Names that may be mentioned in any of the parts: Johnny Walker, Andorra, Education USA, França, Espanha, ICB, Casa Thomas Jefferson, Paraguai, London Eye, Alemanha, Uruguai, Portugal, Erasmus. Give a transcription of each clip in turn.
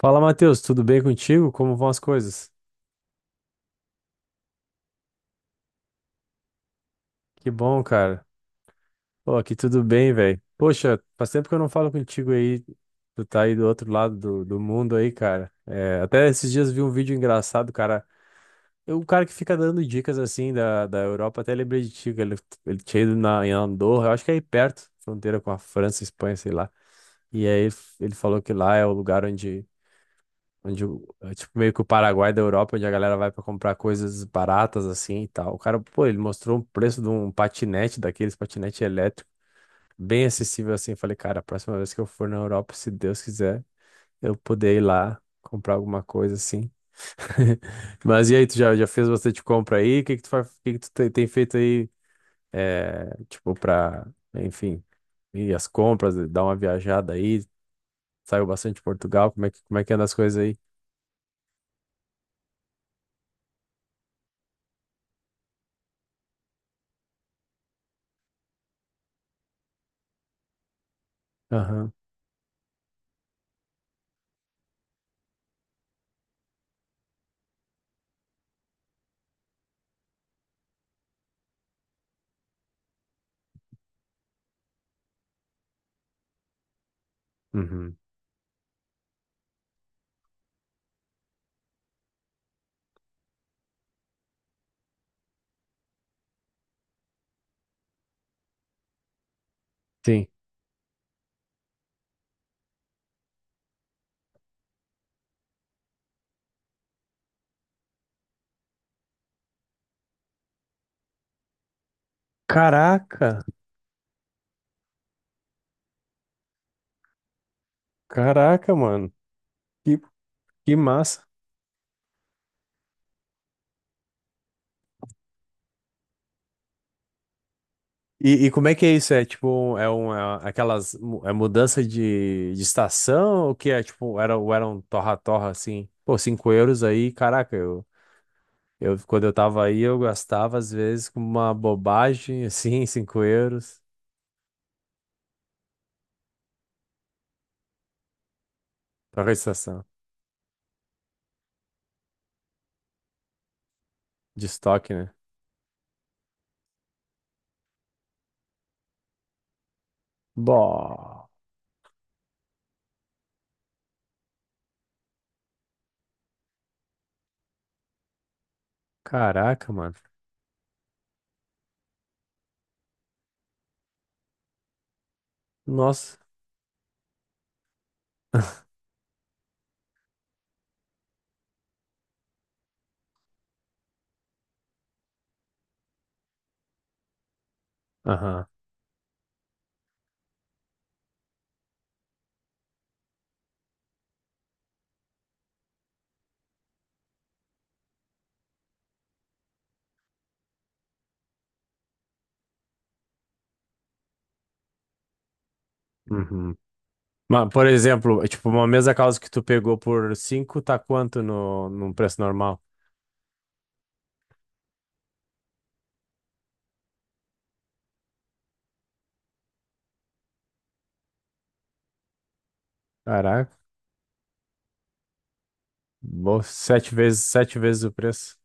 Fala, Matheus, tudo bem contigo? Como vão as coisas? Que bom, cara. Pô, aqui tudo bem, velho. Poxa, faz tempo que eu não falo contigo aí. Tu tá aí do outro lado do mundo aí, cara. É, até esses dias vi um vídeo engraçado, cara. Eu, o cara que fica dando dicas assim da Europa, até lembrei de ti, que ele tinha ido em Andorra, eu acho que é aí perto, fronteira com a França, Espanha, sei lá. E aí ele falou que lá é o lugar onde é tipo, meio que o Paraguai da Europa, onde a galera vai pra comprar coisas baratas assim e tal. O cara, pô, ele mostrou o preço de um patinete, daqueles patinete elétrico, bem acessível assim. Eu falei, cara, a próxima vez que eu for na Europa, se Deus quiser, eu poder ir lá comprar alguma coisa assim. Mas e aí, tu já fez bastante compra aí? O que que tu, fa- o que que tu te- tem feito aí, é, tipo, pra, enfim, ir as compras, dar uma viajada aí? Saiu bastante de Portugal, como é que anda as coisas aí? Aham. Uhum. Sim. Caraca, caraca, mano. Que, que massa. E como é que é isso? É tipo, é uma, aquelas, é mudança de estação? O que é tipo, era, ou era um torra-torra assim? Pô, 5 € aí, caraca, eu, quando eu tava aí, eu gastava às vezes com uma bobagem assim, cinco euros. Troca de estação, de estoque, né? Bom, caraca, mano. Nossa. Aham. Uhum. Mas, por exemplo, é tipo, uma mesa causa que tu pegou por 5 tá quanto no, num preço normal? Caraca, sete vezes o preço.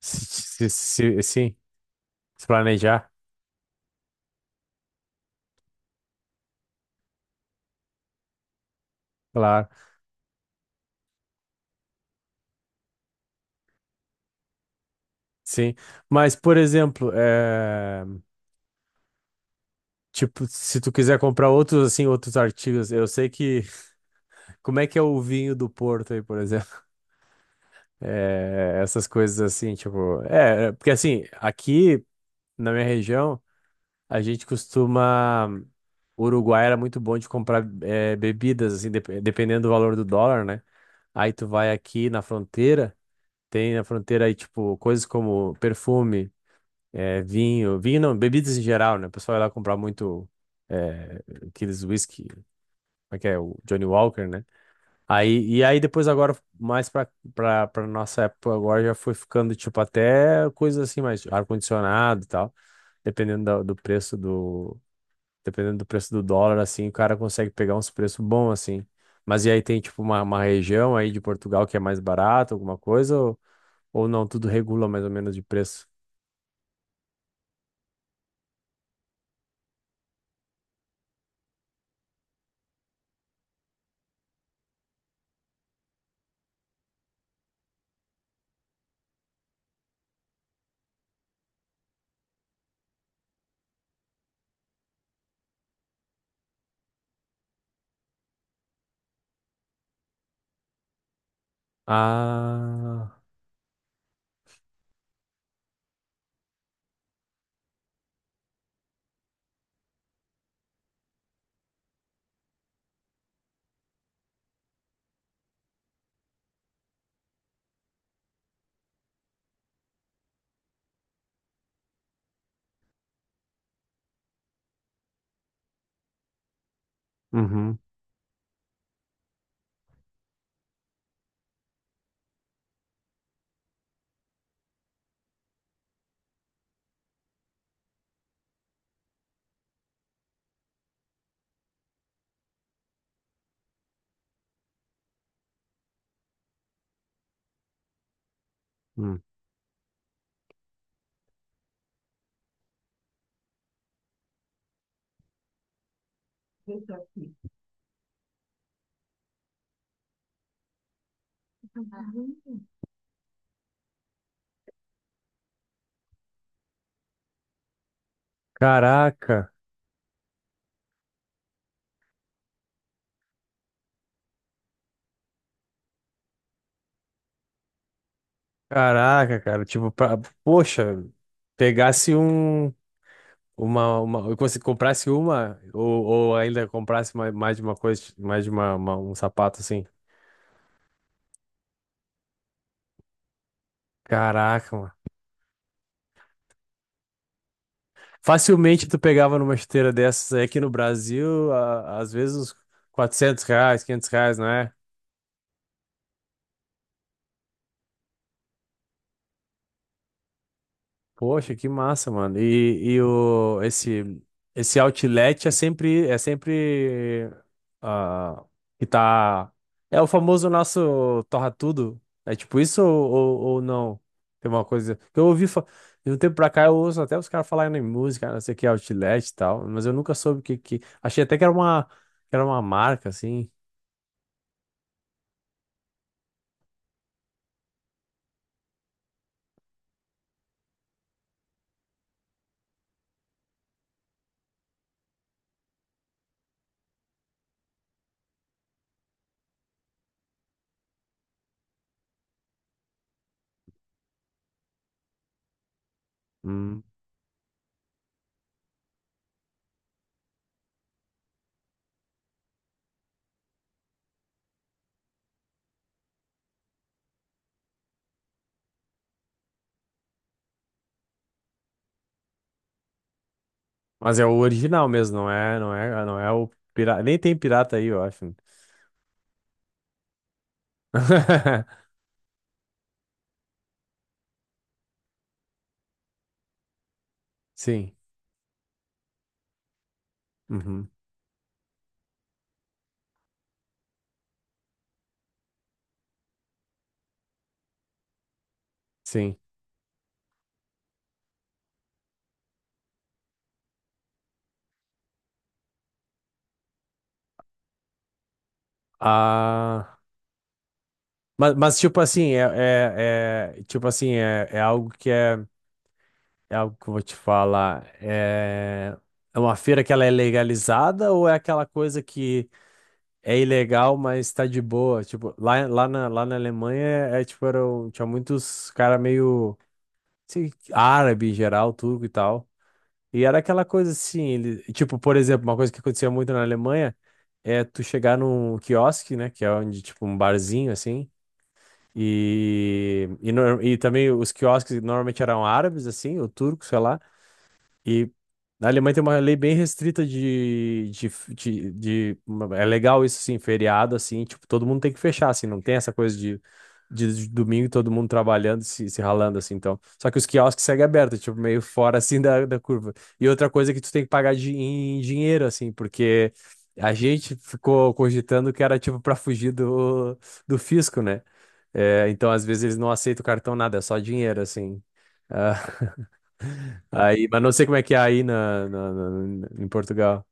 Se, sim, se planejar, claro, sim. Mas, por exemplo, é, tipo, se tu quiser comprar outros, assim, outros artigos, eu sei que... Como é que é o vinho do Porto aí, por exemplo? É, essas coisas assim, tipo... É, porque assim, aqui na minha região, a gente costuma... O Uruguai era muito bom de comprar bebidas, assim, dependendo do valor do dólar, né? Aí tu vai aqui na fronteira, tem na fronteira aí, tipo, coisas como perfume, vinho, vinho não, bebidas em geral, né? O pessoal ia lá comprar muito eh, aqueles whisky, como é que é? O Johnny Walker, né? Aí, e aí depois agora, mais pra nossa época agora, já foi ficando, tipo, até coisas assim, mais ar-condicionado e tal, dependendo da- do preço dependendo do preço do dólar, assim, o cara consegue pegar uns preços bons, assim. Mas e aí tem, tipo, uma região aí de Portugal que é mais barato, alguma coisa, ou não, tudo regula mais ou menos de preço? Ah, uhum, hum. Caraca, caraca, cara, tipo, pra, poxa, pegasse um, uma, se comprasse uma, ou ainda comprasse mais de uma coisa, mais de uma um sapato, assim. Caraca. Facilmente tu pegava numa esteira dessas aí aqui no Brasil, às vezes uns R$ 400, R$ 500, não é? Poxa, que massa, mano. E o, esse outlet é sempre, ah, que tá, é o famoso nosso torra tudo. É tipo isso ou não? Tem uma coisa que eu ouvi, de um tempo pra cá eu ouço até os caras falarem em música, não sei o que, outlet e tal, mas eu nunca soube o que, achei até que era uma marca, assim. Hum. Mas é o original mesmo, não é o pirata. Nem tem pirata aí, eu acho. Sim. Uhum. Sim. Ah, mas tipo assim, tipo assim, é algo que eu vou te falar. É uma feira que ela é legalizada ou é aquela coisa que é ilegal, mas tá de boa? Tipo, lá na Alemanha tipo, tinha muitos cara meio, sei, árabe em geral, turco e tal. E era aquela coisa assim, ele, tipo, por exemplo, uma coisa que acontecia muito na Alemanha é tu chegar num quiosque, né, que é onde, tipo, um barzinho, assim, e, nor- e também os quiosques normalmente eram árabes, assim, ou turcos, sei lá, e na Alemanha tem uma lei bem restrita de, de- É legal isso, sim, feriado, assim, tipo, todo mundo tem que fechar, assim, não tem essa coisa de domingo todo mundo trabalhando, se ralando, assim, então. Só que os quiosques seguem abertos, tipo, meio fora, assim, da curva. E outra coisa é que tu tem que pagar em dinheiro, assim, porque a gente ficou cogitando que era, tipo, pra fugir do fisco, né? É, então, às vezes, eles não aceitam cartão, nada, é só dinheiro, assim. Ah. Aí, mas não sei como é que é aí em Portugal.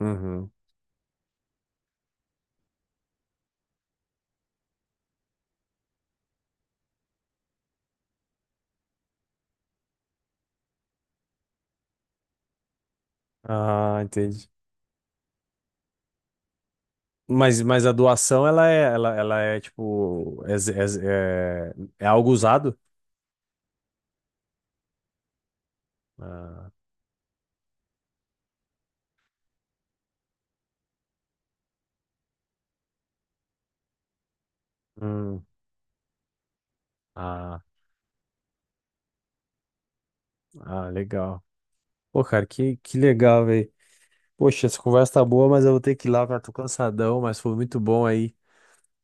Uhum. Ah, entendi. Mas a doação, ela é tipo, é, é é algo usado? Ah, hum. Ah, ah, legal. Pô, cara, que legal, velho. Poxa, essa conversa tá boa, mas eu vou ter que ir lá, cara. Tô cansadão, mas foi muito bom aí.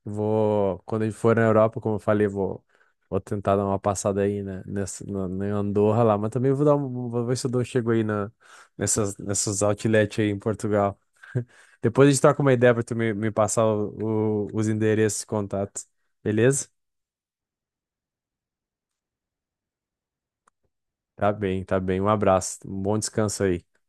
Vou, quando a gente for na Europa, como eu falei, vou tentar dar uma passada aí, né, na Andorra lá, mas também vou ver se eu chego aí nessas outlet aí em Portugal. Depois a gente troca uma ideia pra tu me passar os endereços e contatos. Beleza? Tá bem, tá bem. Um abraço. Um bom descanso aí.